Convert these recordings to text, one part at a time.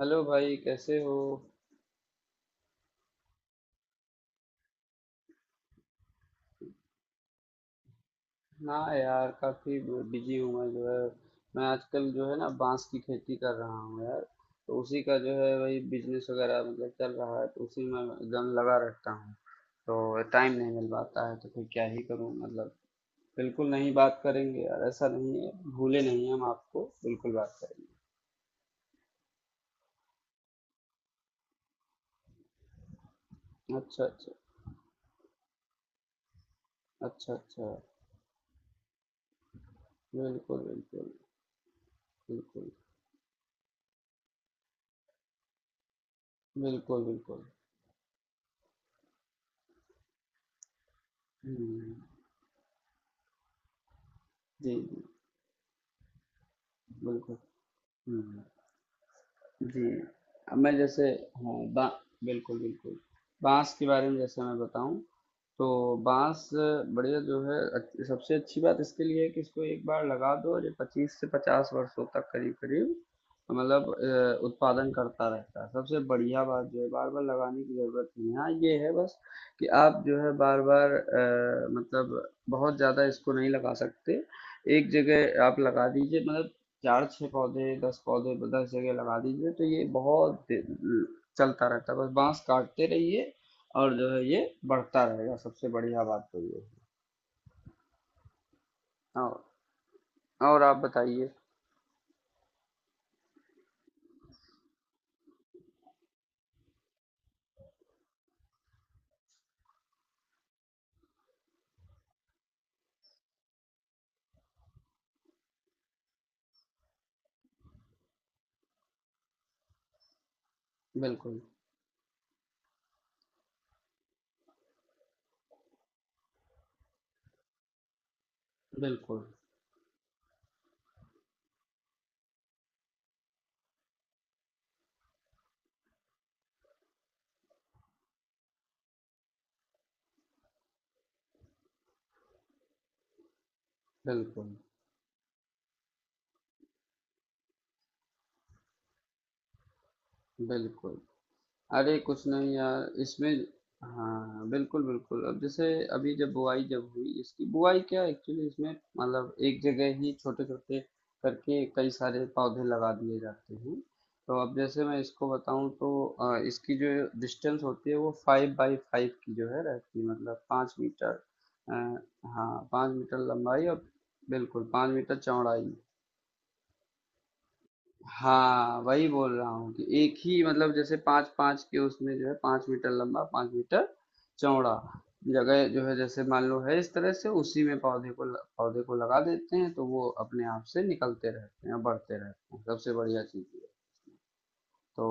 Hello भाई, कैसे हो? ना यार, काफ़ी बिजी हूँ मैं जो है। मैं आजकल जो है ना, बांस की खेती कर रहा हूँ यार। तो उसी का जो है, वही बिजनेस वगैरह मतलब चल रहा है, तो उसी में मैं दम लगा रहता हूँ। तो टाइम नहीं मिल पाता है, तो फिर क्या ही करूँ मतलब। बिल्कुल, नहीं बात करेंगे यार, ऐसा नहीं है। भूले नहीं हम आपको, बिल्कुल बात करेंगे। अच्छा अच्छा। अच्छा अच्छा। बिल्कुल बिल्कुल। बिल्कुल बिल्कुल। बिल्कुल। हम्म। जी जी। बिल्कुल। हम्म। जी, अब मैं जैसे हाँ, बा बिल्कुल, बिल्कुल। बाँस के बारे में जैसे मैं बताऊँ, तो बाँस बढ़िया जो है। सबसे अच्छी बात इसके लिए है कि इसको एक बार लगा दो और ये 25 से 50 वर्षों तक करीब-करीब मतलब उत्पादन करता रहता है। सबसे बढ़िया बात जो है, बार-बार लगाने की ज़रूरत नहीं है। हाँ, ये है बस कि आप जो है बार-बार मतलब बहुत ज़्यादा इसको नहीं लगा सकते। एक जगह आप लगा दीजिए मतलब चार छः पौधे, दस पौधे, दस जगह लगा दीजिए, तो ये बहुत चलता रहता है। बस बांस काटते रहिए और जो है ये बढ़ता रहेगा। सबसे बढ़िया बात तो ये है। और और आप बताइए। बिल्कुल बिल्कुल। बिल्कुल बिल्कुल। अरे कुछ नहीं यार इसमें। हाँ बिल्कुल बिल्कुल। अब जैसे, अभी जब बुआई जब हुई, इसकी बुआई क्या एक्चुअली इसमें मतलब एक जगह ही छोटे छोटे करके कई सारे पौधे लगा दिए जाते हैं। तो अब जैसे मैं इसको बताऊं तो इसकी जो डिस्टेंस होती है वो 5x5 की जो है रहती है, मतलब 5 मीटर। अ, हाँ, 5 मीटर लंबाई और बिल्कुल 5 मीटर चौड़ाई। हाँ, वही बोल रहा हूँ कि एक ही, मतलब जैसे पाँच पाँच के उसमें जो है 5 मीटर लंबा, 5 मीटर चौड़ा जगह जो है, जैसे मान लो है इस तरह से, उसी में पौधे को पौधे को लगा देते हैं, तो वो अपने आप से निकलते रहते हैं, बढ़ते रहते हैं। सबसे बढ़िया चीज। तो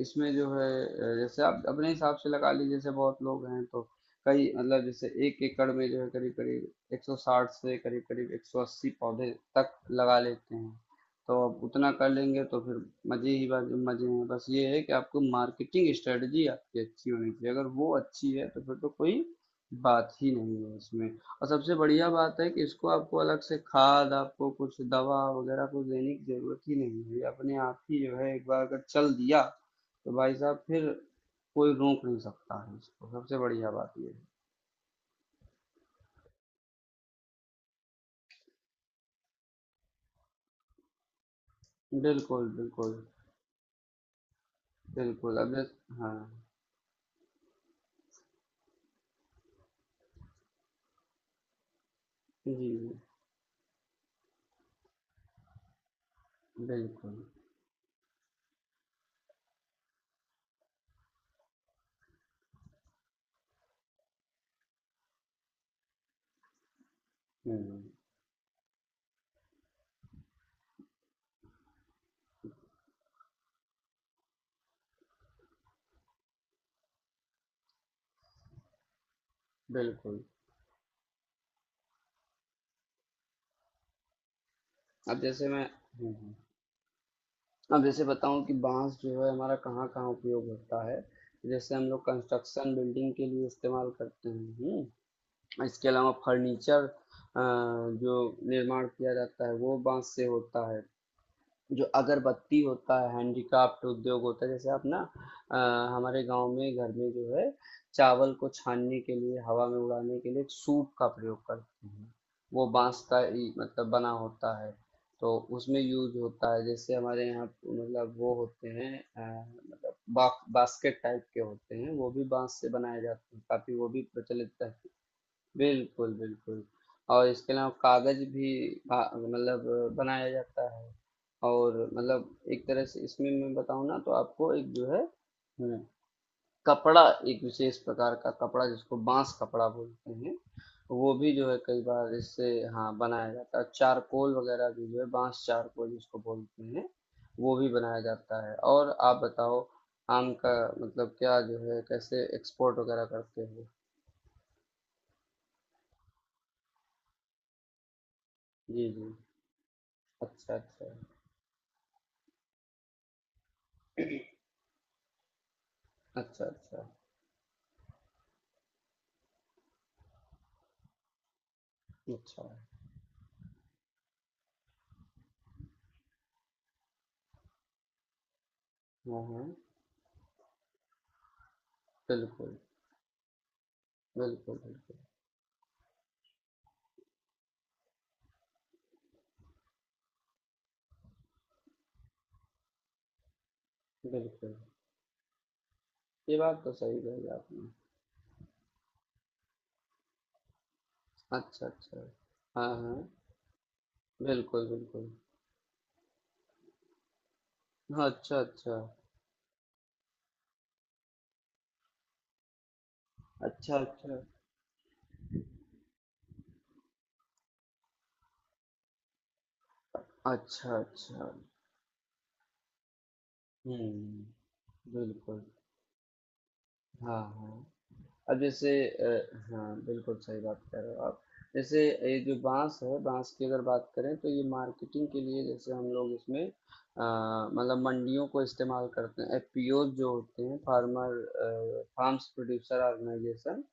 इसमें जो है जैसे आप अपने हिसाब से लगा लीजिए, जैसे बहुत लोग हैं तो कई, मतलब जैसे एक एकड़ में जो है करीब करीब 160 से करीब करीब 180 पौधे तक लगा लेते हैं। तो अब उतना कर लेंगे तो फिर मजे ही बात, मजे हैं। बस ये है कि आपको मार्केटिंग स्ट्रेटजी आपकी अच्छी होनी चाहिए। अगर वो अच्छी है तो फिर तो कोई बात ही नहीं है इसमें। और सबसे बढ़िया बात है कि इसको आपको अलग से खाद, आपको कुछ दवा वगैरह कुछ देने की ज़रूरत ही नहीं है। ये अपने आप ही जो है, एक बार अगर चल दिया, तो भाई साहब फिर कोई रोक नहीं सकता है इसको। सबसे बढ़िया बात ये है। बिल्कुल, बिल्कुल, बिल्कुल। अब जैस हाँ, जी, जी। बिल्कुल। हुँ, बिल्कुल। अब जैसे मैं, हुँ, हुँ। अब जैसे बताऊँ कि बाँस जो है हमारा कहाँ-कहाँ उपयोग होता है। जैसे हम लोग कंस्ट्रक्शन, बिल्डिंग के लिए इस्तेमाल करते हैं, हुँ। इसके अलावा फर्नीचर जो निर्माण किया जाता है, वो बांस से होता है। जो अगरबत्ती होता है, हैंडीक्राफ्ट उद्योग होता है। जैसे आप ना अ, हमारे गांव में, घर में जो है चावल को छानने के लिए, हवा में उड़ाने के लिए एक सूप का प्रयोग करते हैं, वो बांस का ही मतलब बना होता है। तो उसमें यूज होता है। जैसे हमारे यहाँ मतलब वो होते हैं मतलब बास्केट टाइप के होते हैं, वो भी बांस से बनाए जाते हैं, काफी वो भी प्रचलित है। बिल्कुल, बिल्कुल। और इसके अलावा कागज भी भा मतलब बनाया जाता है। और मतलब एक तरह से इसमें मैं बताऊँ ना, तो आपको एक जो है, कपड़ा, एक विशेष प्रकार का कपड़ा जिसको बांस कपड़ा बोलते हैं, वो भी जो है कई बार इससे हाँ बनाया जाता है। चारकोल वगैरह भी जो है, बांस चारकोल जिसको बोलते हैं, वो भी बनाया जाता है। और आप बताओ, आम का मतलब क्या जो है, कैसे एक्सपोर्ट वगैरह करते हो? जी जी। अच्छा अच्छा। अच्छा, अच्छा। अच्छा। हाँ, हाँ। बिल्कुल, बिल्कुल। बिल्कुल, बिल्कुल। ये बात तो सही कही आपने। अच्छा, अच्छा। हाँ, हाँ। बिल्कुल, बिल्कुल। हाँ, अच्छा, अच्छा। अच्छा, अच्छा। अच्छा, अच्छा। हुँ, बिल्कुल। हाँ, हाँ। अब जैसे हाँ बिल्कुल सही बात कह रहे हो आप। जैसे ये जो बांस है, बांस की अगर बात करें, तो ये मार्केटिंग के लिए जैसे हम लोग इसमें मतलब मंडियों को इस्तेमाल करते हैं। एफपीओज जो होते हैं, फार्मर फार्म्स प्रोड्यूसर ऑर्गेनाइजेशन,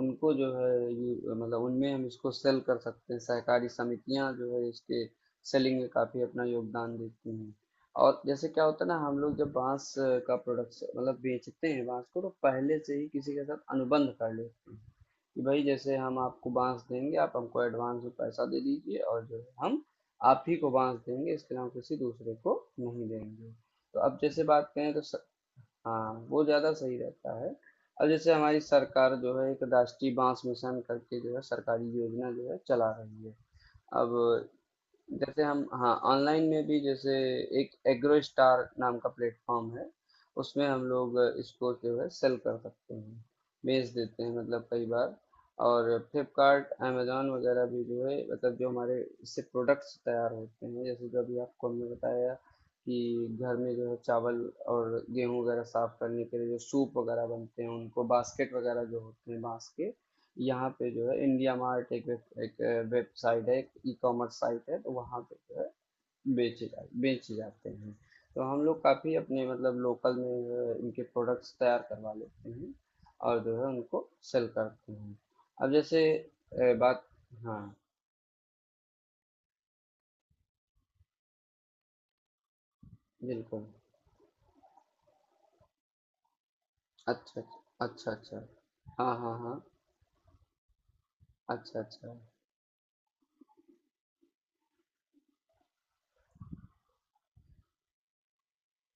उनको जो है ये मतलब, उनमें हम इसको सेल कर सकते हैं। सहकारी समितियां जो है, इसके सेलिंग में काफी अपना योगदान देती हैं। और जैसे क्या होता है ना, हम लोग जब बांस का प्रोडक्शन मतलब बेचते हैं, बांस को तो पहले से ही किसी के साथ अनुबंध कर लेते हैं कि भाई जैसे हम आपको बांस देंगे, आप हमको एडवांस में पैसा दे दीजिए, और जो है हम आप ही को बांस देंगे, इसके अलावा किसी दूसरे को नहीं देंगे। तो अब जैसे बात करें तो हाँ वो ज़्यादा सही रहता है। अब जैसे हमारी सरकार जो है एक राष्ट्रीय बांस मिशन करके जो है सरकारी योजना जो है चला रही है। अब जैसे हम हाँ, ऑनलाइन में भी जैसे एक एग्रो स्टार नाम का प्लेटफॉर्म है, उसमें हम लोग इसको जो है सेल कर सकते हैं, बेच देते हैं मतलब कई बार। और फ्लिपकार्ट, अमेजोन वगैरह भी जो है, मतलब जो हमारे इससे प्रोडक्ट्स तैयार होते हैं, जैसे जो अभी आपको हमने बताया कि घर में जो है चावल और गेहूं वगैरह साफ करने के लिए जो सूप वगैरह बनते हैं, उनको, बास्केट वगैरह जो होते हैं बांस के, यहाँ पे जो है इंडिया मार्ट एक वेब एक वेबसाइट है, एक ई कॉमर्स साइट है, तो वहाँ पे जो है बेचे जाते हैं। तो हम लोग काफ़ी अपने मतलब लोकल में जो है इनके प्रोडक्ट्स तैयार करवा लेते हैं और जो है उनको सेल करते हैं। अब जैसे बात, हाँ बिल्कुल। अच्छा अच्छा। अच्छा अच्छा। हाँ हाँ हाँ। अच्छा अच्छा।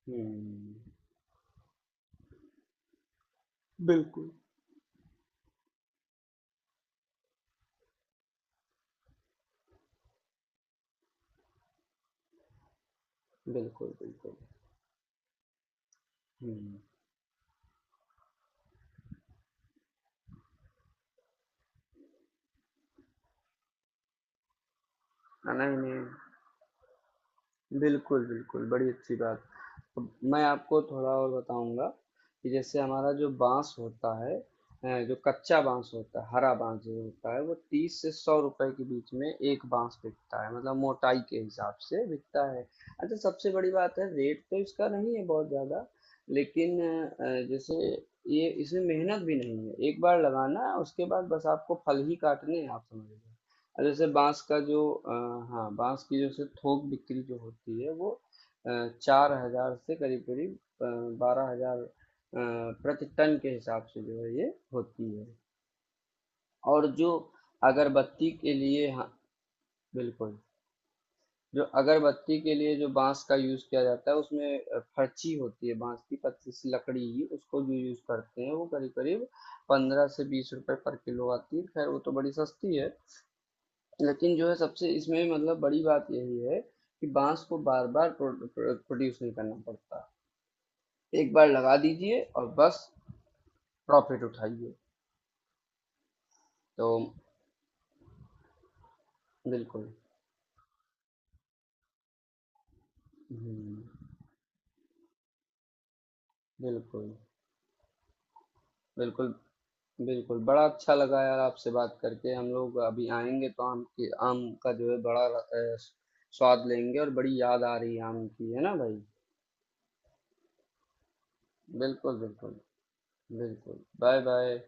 हम्म। बिल्कुल बिल्कुल। बिल्कुल। हम्म। हाँ, नहीं नहीं, बिल्कुल बिल्कुल, बड़ी अच्छी बात। अब मैं आपको थोड़ा और बताऊंगा कि जैसे हमारा जो बांस होता है, जो कच्चा बांस होता है, हरा बांस जो होता है, वो 30 से 100 रुपए के बीच में एक बांस बिकता है, मतलब मोटाई के हिसाब से बिकता है। अच्छा, सबसे बड़ी बात है, रेट तो इसका नहीं है बहुत ज़्यादा। लेकिन जैसे ये, इसमें मेहनत भी नहीं है। एक बार लगाना, उसके बाद बस आपको फल ही काटने हैं, आप समझ लीजिए। अब जैसे बांस का जो हाँ बांस की जैसे थोक बिक्री जो होती है वो 4,000 से करीब-करीब 12,000 प्रति टन के हिसाब से जो है ये होती है। और जो अगरबत्ती के लिए हाँ, बिल्कुल। जो अगरबत्ती के लिए जो बाँस का यूज़ किया जाता है, उसमें फर्ची होती है बाँस की, पतली सी लकड़ी ही उसको जो यूज़ करते हैं, वो करीब-करीब 15 से 20 ₹ पर किलो आती है। ख़ैर वो तो बड़ी सस्ती है। लेकिन जो है सबसे इसमें मतलब बड़ी बात यही है कि बाँस को बार-बार प्रो प्रो प्रोड्यूस नहीं करना पड़ता। एक बार लगा दीजिए, और बस प्रॉफिट उठाइए। तो बिल्कुल। हम्म, बिल्कुल बिल्कुल। बिल्कुल बड़ा अच्छा लगा यार आपसे बात करके। हम लोग अभी आएंगे तो आम के, आम का जो है बड़ा स्वाद लेंगे, और बड़ी याद आ रही है आम की, है ना भाई? बिल्कुल बिल्कुल। बिल्कुल, बाय बाय।